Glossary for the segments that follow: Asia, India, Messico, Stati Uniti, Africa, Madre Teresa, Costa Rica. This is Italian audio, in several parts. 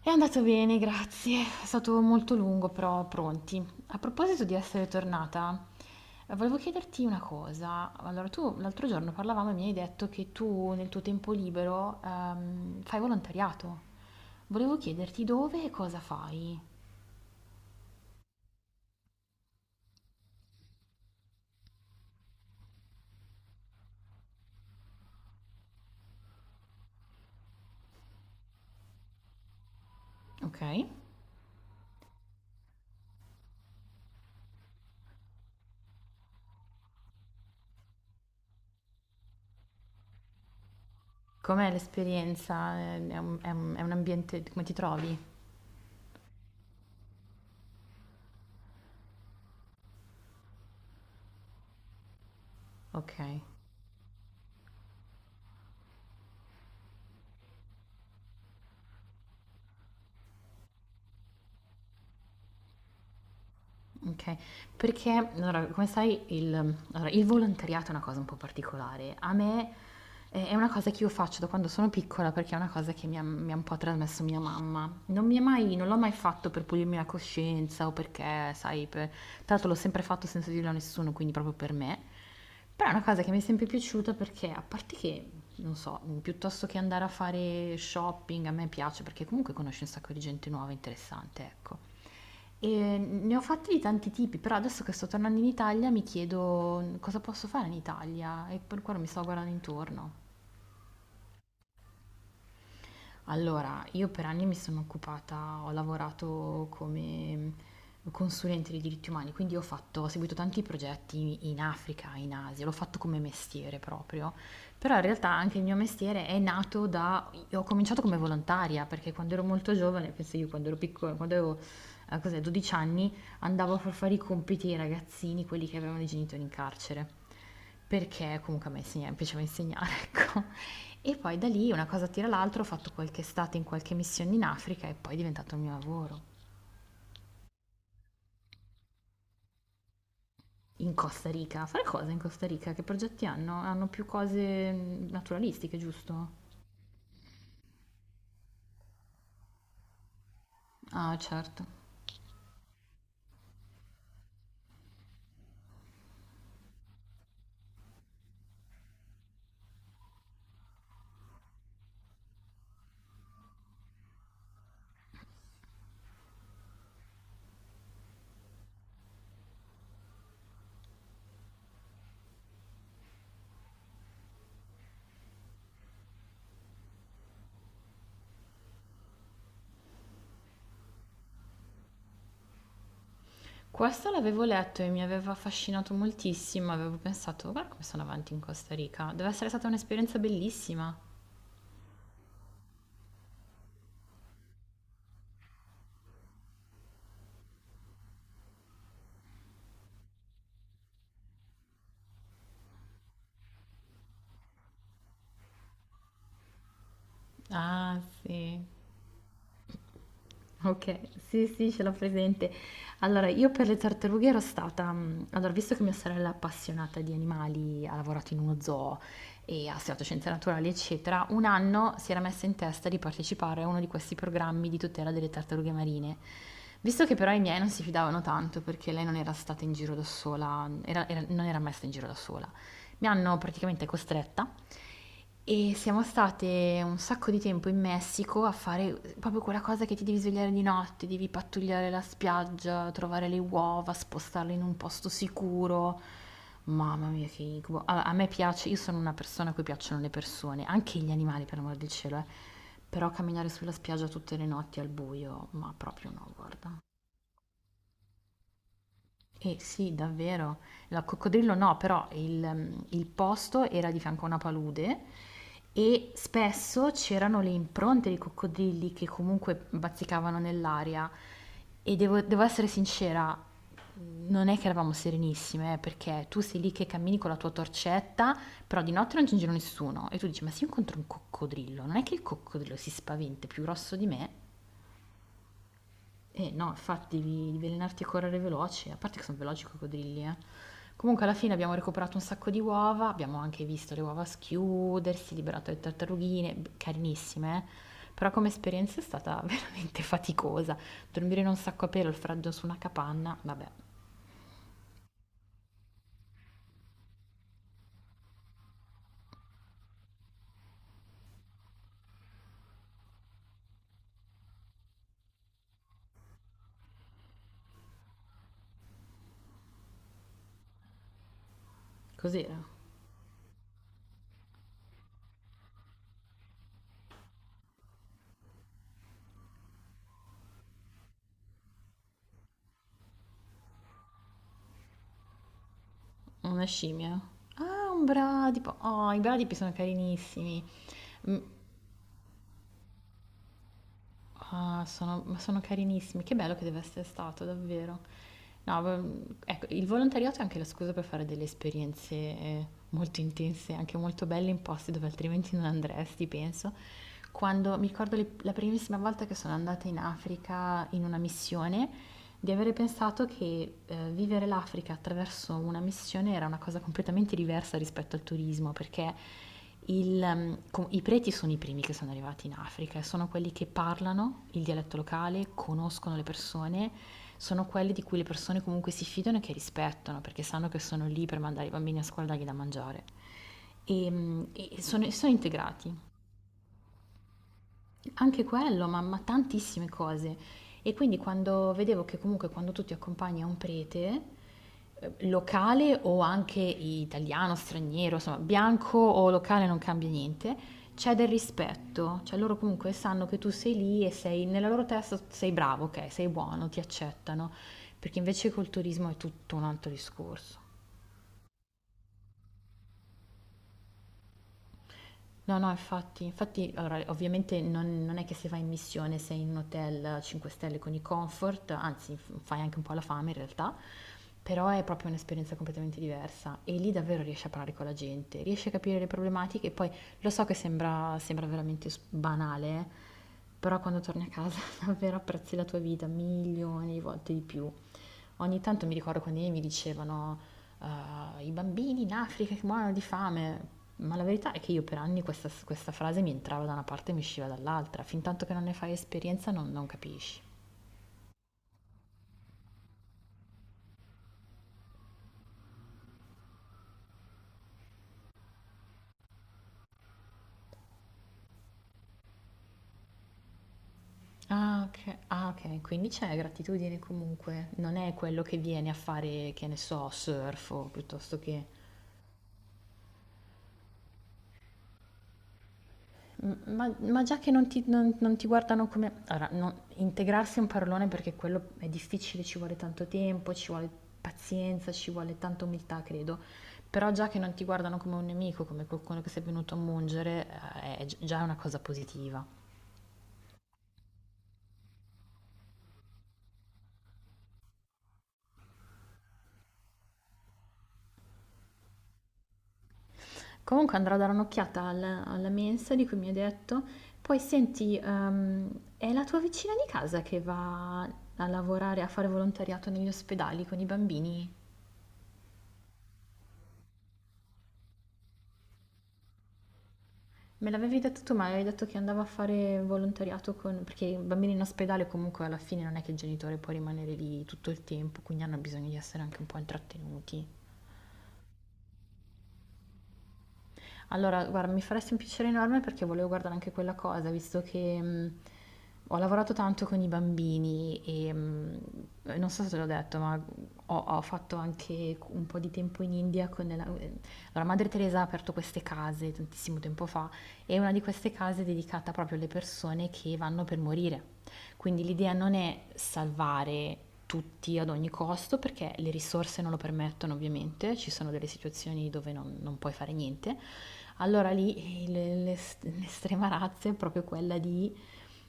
È andato bene, grazie. È stato molto lungo, però pronti. A proposito di essere tornata, volevo chiederti una cosa. Allora, tu l'altro giorno parlavamo e mi hai detto che tu nel tuo tempo libero fai volontariato. Volevo chiederti dove e cosa fai. Ok. Com'è l'esperienza? È un ambiente, come ti trovi? Ok. Okay. Perché allora, come sai il allora, il volontariato è una cosa un po' particolare. A me è È una cosa che io faccio da quando sono piccola, perché è una cosa che mi ha un po' trasmesso mia mamma. Non l'ho mai fatto per pulirmi la coscienza o perché, sai, per tra l'altro l'ho sempre fatto senza dirlo a nessuno, quindi proprio per me. Però è una cosa che mi è sempre piaciuta perché, a parte che, non so, piuttosto che andare a fare shopping, a me piace perché comunque conosci un sacco di gente nuova e interessante, ecco. Ne ho fatti di tanti tipi, però adesso che sto tornando in Italia mi chiedo cosa posso fare in Italia e per quello mi sto guardando intorno. Allora, io per anni mi sono occupata, ho lavorato come consulente di diritti umani, quindi ho fatto, ho seguito tanti progetti in Africa, in Asia, l'ho fatto come mestiere proprio, però in realtà anche il mio mestiere è nato da, ho cominciato come volontaria, perché quando ero molto giovane, penso io quando ero piccola, quando avevo, cos'è, 12 anni, andavo a far fare i compiti ai ragazzini, quelli che avevano i genitori in carcere, perché comunque mi piaceva insegnare, ecco. E poi da lì una cosa tira l'altra, ho fatto qualche estate in qualche missione in Africa e poi è diventato il mio lavoro. In Costa Rica, fare cosa in Costa Rica? Che progetti hanno? Hanno più cose naturalistiche, giusto? Ah, certo. Questo l'avevo letto e mi aveva affascinato moltissimo, avevo pensato, guarda come sono avanti in Costa Rica, deve essere stata un'esperienza bellissima. Ah, sì. Okay, sì, sì, ce l'ho presente. Allora, io per le tartarughe ero stata allora visto che mia sorella è appassionata di animali, ha lavorato in uno zoo e ha studiato scienze naturali, eccetera, un anno si era messa in testa di partecipare a uno di questi programmi di tutela delle tartarughe marine. Visto che però i miei non si fidavano tanto perché lei non era stata in giro da sola, era era non era mai stata in giro da sola, mi hanno praticamente costretta e siamo state un sacco di tempo in Messico a fare proprio quella cosa che ti devi svegliare di notte, devi pattugliare la spiaggia, trovare le uova, spostarle in un posto sicuro. Mamma mia, che incubo. A me piace, io sono una persona a cui piacciono le persone, anche gli animali, per amor del cielo, eh. Però camminare sulla spiaggia tutte le notti al buio, ma proprio no, guarda. Eh sì, davvero. La coccodrillo no, però il posto era di fianco a una palude e spesso c'erano le impronte di coccodrilli che comunque bazzicavano nell'aria. E devo essere sincera, non è che eravamo serenissime, perché tu sei lì che cammini con la tua torcetta, però di notte non c'è in giro nessuno. E tu dici, ma se io incontro un coccodrillo, non è che il coccodrillo si spaventa, è più grosso di me? Eh no, infatti devi allenarti a correre veloce, a parte che sono veloci i coccodrilli, eh. Comunque alla fine abbiamo recuperato un sacco di uova, abbiamo anche visto le uova schiudersi, liberato le tartarughine, carinissime, eh. Però come esperienza è stata veramente faticosa. Dormire in un sacco a pelo, il freddo su una capanna, vabbè, cos'era? Una scimmia? Ah, un bradipo. Oh, i bradipi sono carinissimi. Mm. Ah, ma sono carinissimi, che bello che deve essere stato, davvero. No, ecco, il volontariato è anche la scusa per fare delle esperienze molto intense, anche molto belle in posti dove altrimenti non andresti, penso. Quando mi ricordo la primissima volta che sono andata in Africa in una missione, di avere pensato che vivere l'Africa attraverso una missione era una cosa completamente diversa rispetto al turismo, perché i preti sono i primi che sono arrivati in Africa, e sono quelli che parlano il dialetto locale, conoscono le persone, sono quelli di cui le persone comunque si fidano e che rispettano, perché sanno che sono lì per mandare i bambini a scuola e dargli da mangiare. E sono integrati. Anche quello, ma tantissime cose. E quindi quando vedevo che comunque quando tu ti accompagni a un prete, locale o anche italiano, straniero, insomma, bianco o locale non cambia niente, c'è del rispetto, cioè loro comunque sanno che tu sei lì e sei nella loro testa sei bravo, ok, sei buono, ti accettano, perché invece col turismo è tutto un altro discorso. No, no, infatti, infatti, allora, ovviamente non è che se vai in missione sei in un hotel 5 stelle con i comfort, anzi fai anche un po' la fame in realtà, però è proprio un'esperienza completamente diversa e lì davvero riesci a parlare con la gente, riesci a capire le problematiche e poi lo so che sembra veramente banale, però quando torni a casa davvero apprezzi la tua vita milioni di volte di più. Ogni tanto mi ricordo quando i miei mi dicevano: "Ah, i bambini in Africa che muoiono di fame", ma la verità è che io per anni questa frase mi entrava da una parte e mi usciva dall'altra, fintanto che non ne fai esperienza non capisci. Ah ok, ah, ok, quindi c'è gratitudine comunque, non è quello che viene a fare, che ne so, surf o piuttosto che... Ma già che non ti guardano come... Allora, integrarsi è un parolone perché quello è difficile, ci vuole tanto tempo, ci vuole pazienza, ci vuole tanta umiltà, credo. Però già che non ti guardano come un nemico, come qualcuno che sei venuto a mungere, è già una cosa positiva. Comunque andrò a dare un'occhiata alla mensa di cui mi hai detto. Poi senti, è la tua vicina di casa che va a lavorare, a fare volontariato negli ospedali con i bambini? Me l'avevi detto tu, ma avevi detto che andava a fare volontariato con... perché i bambini in ospedale comunque alla fine non è che il genitore può rimanere lì tutto il tempo, quindi hanno bisogno di essere anche un po' intrattenuti. Allora, guarda, mi faresti un piacere enorme perché volevo guardare anche quella cosa, visto che ho lavorato tanto con i bambini e non so se te l'ho detto, ma ho fatto anche un po' di tempo in India con la... Allora, Madre Teresa ha aperto queste case tantissimo tempo fa e una di queste case è dedicata proprio alle persone che vanno per morire. Quindi l'idea non è salvare tutti ad ogni costo perché le risorse non lo permettono ovviamente, ci sono delle situazioni dove non puoi fare niente. Allora lì l'estrema razza è proprio quella di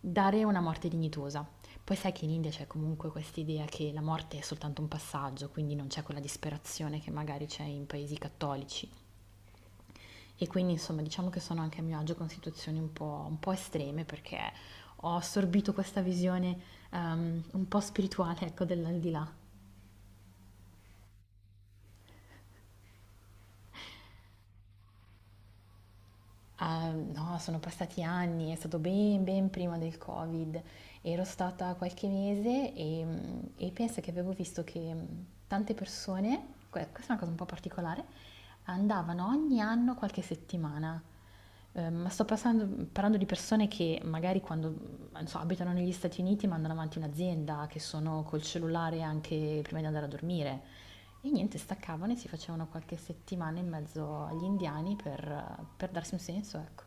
dare una morte dignitosa. Poi sai che in India c'è comunque questa idea che la morte è soltanto un passaggio, quindi non c'è quella disperazione che magari c'è in paesi cattolici. E quindi insomma diciamo che sono anche a mio agio con situazioni un po' estreme perché ho assorbito questa visione un po' spirituale, ecco, dell'aldilà. Ah, no, sono passati anni, è stato ben, ben prima del Covid, ero stata qualche mese e penso che avevo visto che tante persone, questa è una cosa un po' particolare, andavano ogni anno qualche settimana. Ma parlando di persone che magari quando, non so, abitano negli Stati Uniti mandano avanti un'azienda, che sono col cellulare anche prima di andare a dormire. E niente, staccavano e si facevano qualche settimana in mezzo agli indiani per darsi un senso, ecco.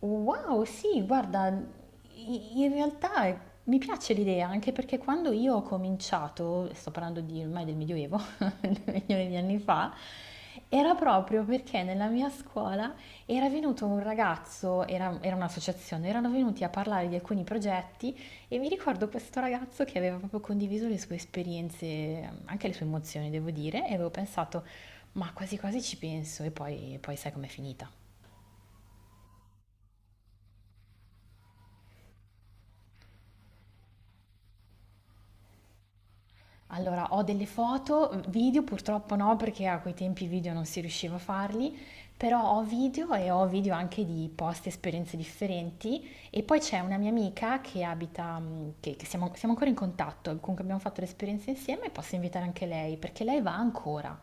Wow, sì, guarda, i- in realtà è- mi piace l'idea, anche perché quando io ho cominciato, sto parlando di ormai del Medioevo, milioni di anni fa, era proprio perché nella mia scuola era venuto un ragazzo, era un'associazione, erano venuti a parlare di alcuni progetti e mi ricordo questo ragazzo che aveva proprio condiviso le sue esperienze, anche le sue emozioni, devo dire, e avevo pensato, ma quasi quasi ci penso, e poi sai com'è finita. Allora, ho delle foto, video purtroppo no, perché a quei tempi i video non si riusciva a farli, però ho video e ho video anche di posti, esperienze differenti. E poi c'è una mia amica che abita, che siamo ancora in contatto, comunque abbiamo fatto l'esperienza insieme e posso invitare anche lei, perché lei va ancora.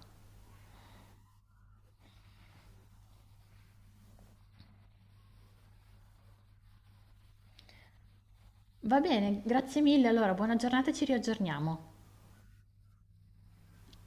Va bene, grazie mille, allora buona giornata e ci riaggiorniamo.